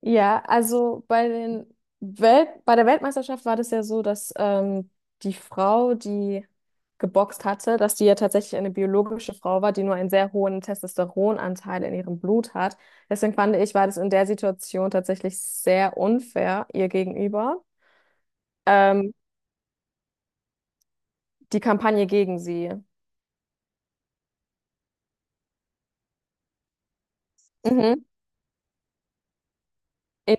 Ja, also bei den Welt bei der Weltmeisterschaft war das ja so, dass die Frau, die geboxt hatte, dass die ja tatsächlich eine biologische Frau war, die nur einen sehr hohen Testosteronanteil in ihrem Blut hat. Deswegen fand ich, war das in der Situation tatsächlich sehr unfair ihr gegenüber. Ähm, Die Kampagne gegen sie. Mhm. In,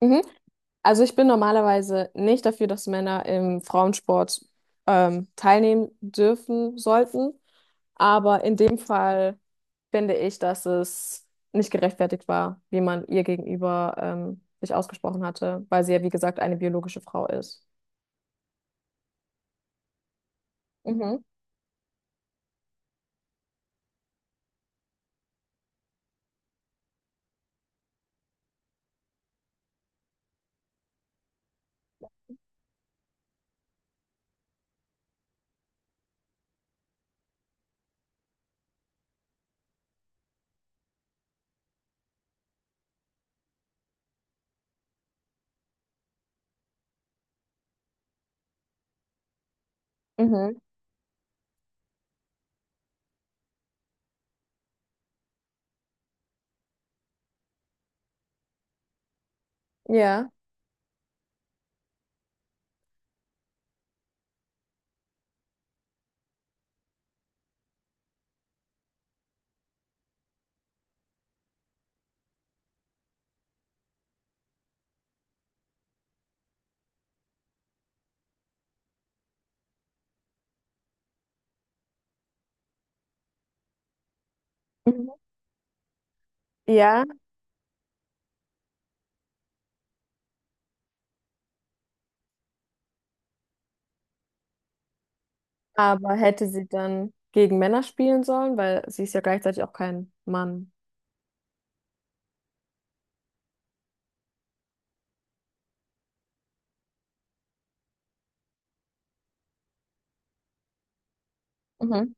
mhm. Also ich bin normalerweise nicht dafür, dass Männer im Frauensport teilnehmen dürfen sollten. Aber in dem Fall finde ich, dass es nicht gerechtfertigt war, wie man ihr gegenüber sich ausgesprochen hatte, weil sie ja, wie gesagt, eine biologische Frau ist. Mhm. Mhm. Ja. Mhm. Ja, aber hätte sie dann gegen Männer spielen sollen, weil sie ist ja gleichzeitig auch kein Mann. Mhm.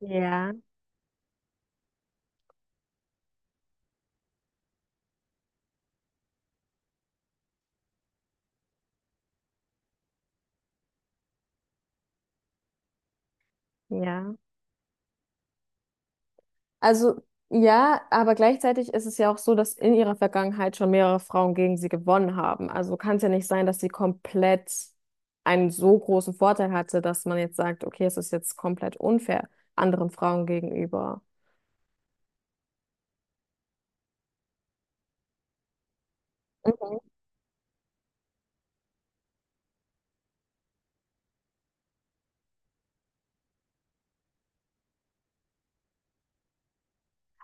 Ja, ja. Also ja, aber gleichzeitig ist es ja auch so, dass in ihrer Vergangenheit schon mehrere Frauen gegen sie gewonnen haben. Also kann es ja nicht sein, dass sie komplett einen so großen Vorteil hatte, dass man jetzt sagt, okay, es ist jetzt komplett unfair anderen Frauen gegenüber. Mhm.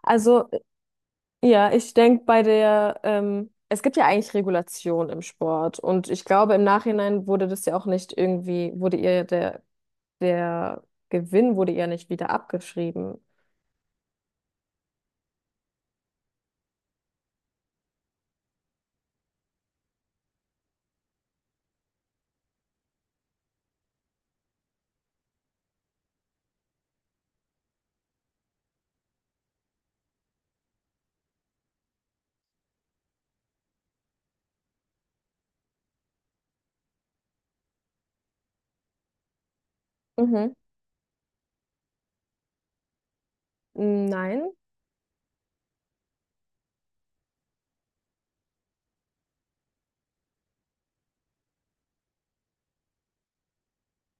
Also ja, ich denke bei der, es gibt ja eigentlich Regulation im Sport und ich glaube im Nachhinein wurde das ja auch nicht irgendwie, wurde ihr der Gewinn wurde ihr nicht wieder abgeschrieben. Mhm. Nein.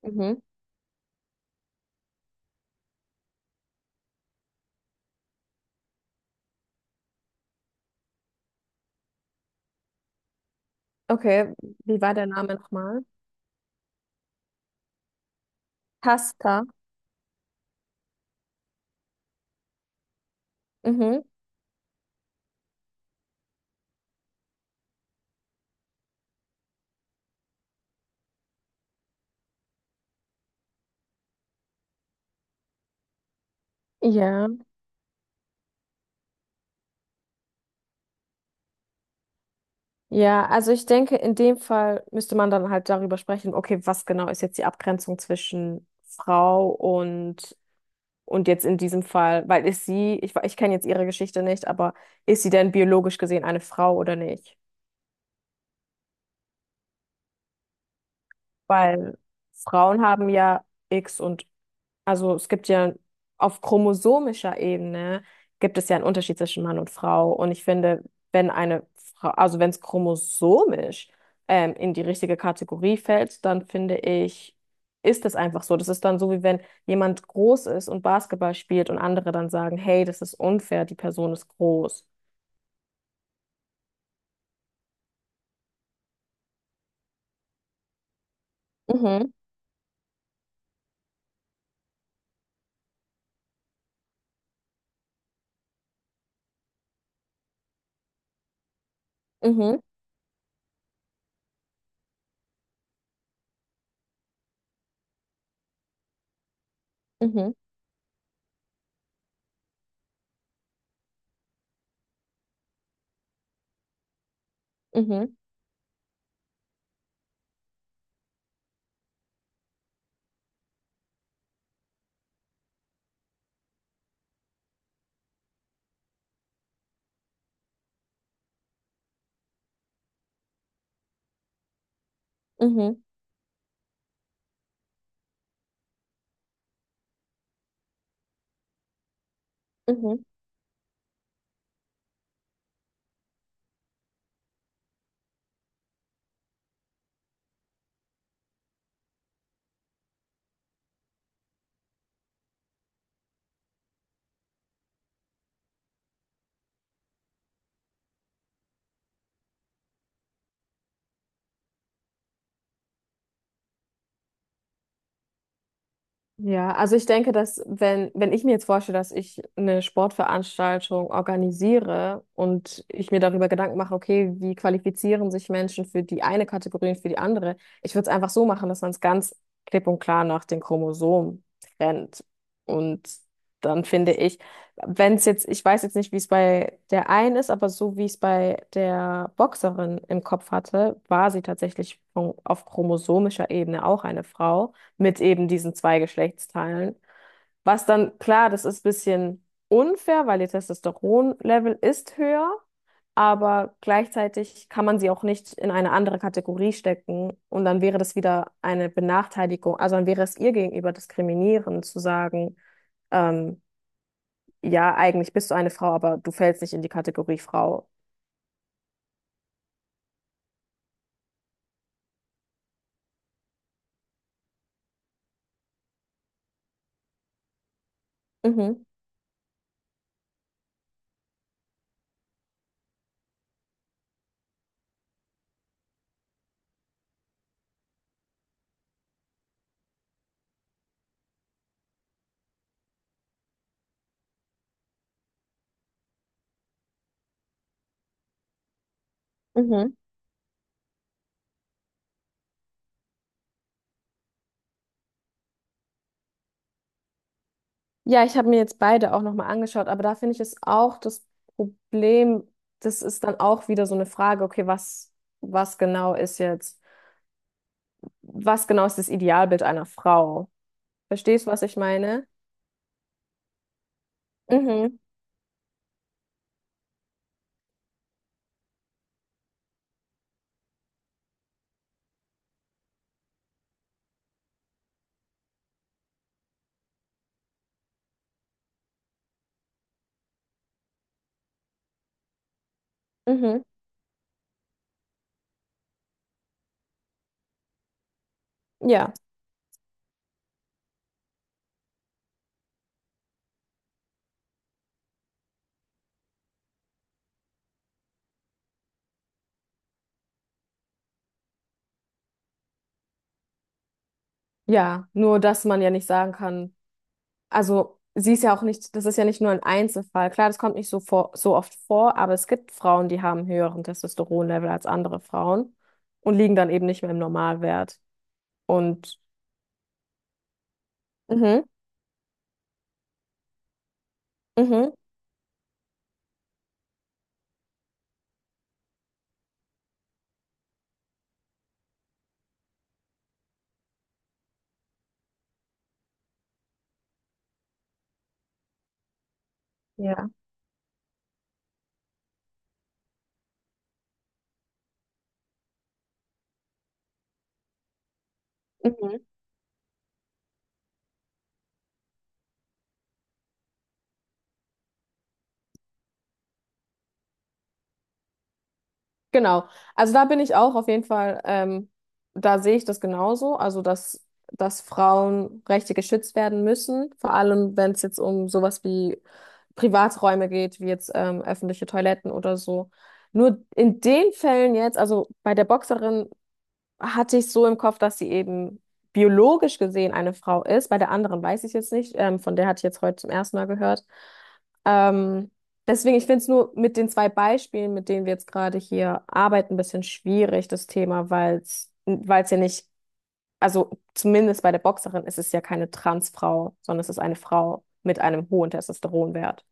Mhm. Okay, wie war der Name nochmal? Pasta. Mhm. Ja, ja, also ich denke, in dem Fall müsste man dann halt darüber sprechen, okay, was genau ist jetzt die Abgrenzung zwischen Frau und und jetzt in diesem Fall, weil ist sie, ich kenne jetzt ihre Geschichte nicht, aber ist sie denn biologisch gesehen eine Frau oder nicht? Weil Frauen haben ja X und also es gibt ja auf chromosomischer Ebene gibt es ja einen Unterschied zwischen Mann und Frau. Und ich finde, wenn eine Frau, also wenn es chromosomisch in die richtige Kategorie fällt, dann finde ich, ist es einfach so. Das ist dann so, wie wenn jemand groß ist und Basketball spielt und andere dann sagen, hey, das ist unfair, die Person ist groß. Mhm, mhm, mhm, mhm, mhm, mhm, mhm. Ja, also ich denke, dass wenn, wenn ich mir jetzt vorstelle, dass ich eine Sportveranstaltung organisiere und ich mir darüber Gedanken mache, okay, wie qualifizieren sich Menschen für die eine Kategorie und für die andere, ich würde es einfach so machen, dass man es ganz klipp und klar nach den Chromosomen trennt. Und dann finde ich, wenn es jetzt, ich weiß jetzt nicht, wie es bei der einen ist, aber so wie ich es bei der Boxerin im Kopf hatte, war sie tatsächlich von, auf chromosomischer Ebene auch eine Frau mit eben diesen zwei Geschlechtsteilen. Was dann, klar, das ist ein bisschen unfair, weil ihr Testosteronlevel ist höher, aber gleichzeitig kann man sie auch nicht in eine andere Kategorie stecken und dann wäre das wieder eine Benachteiligung, also dann wäre es ihr gegenüber diskriminierend zu sagen, ähm, ja, eigentlich bist du eine Frau, aber du fällst nicht in die Kategorie Frau. Mhm. Mhm. Ja, ich habe mir jetzt beide auch nochmal angeschaut, aber da finde ich es auch das Problem, das ist dann auch wieder so eine Frage, okay, was genau ist jetzt, was genau ist das Idealbild einer Frau? Verstehst du, was ich meine? Mhm, mhm, ja, ja, nur dass man ja nicht sagen kann, also sie ist ja auch nicht, das ist ja nicht nur ein Einzelfall. Klar, das kommt nicht so vor, so oft vor, aber es gibt Frauen, die haben höheren Testosteronlevel als andere Frauen und liegen dann eben nicht mehr im Normalwert. Und mhm, mhm. Ja. Mhm. Genau. Also da bin ich auch auf jeden Fall, da sehe ich das genauso. Also dass Frauenrechte geschützt werden müssen, vor allem wenn es jetzt um sowas wie Privaträume geht, wie jetzt öffentliche Toiletten oder so. Nur in den Fällen jetzt, also bei der Boxerin hatte ich so im Kopf, dass sie eben biologisch gesehen eine Frau ist. Bei der anderen weiß ich jetzt nicht. Von der hatte ich jetzt heute zum ersten Mal gehört. Ähm, Deswegen, ich finde es nur mit den 2 Beispielen, mit denen wir jetzt gerade hier arbeiten, ein bisschen schwierig, das Thema, weil es ja nicht, also zumindest bei der Boxerin ist es ja keine Transfrau, sondern es ist eine Frau mit einem hohen Testosteronwert.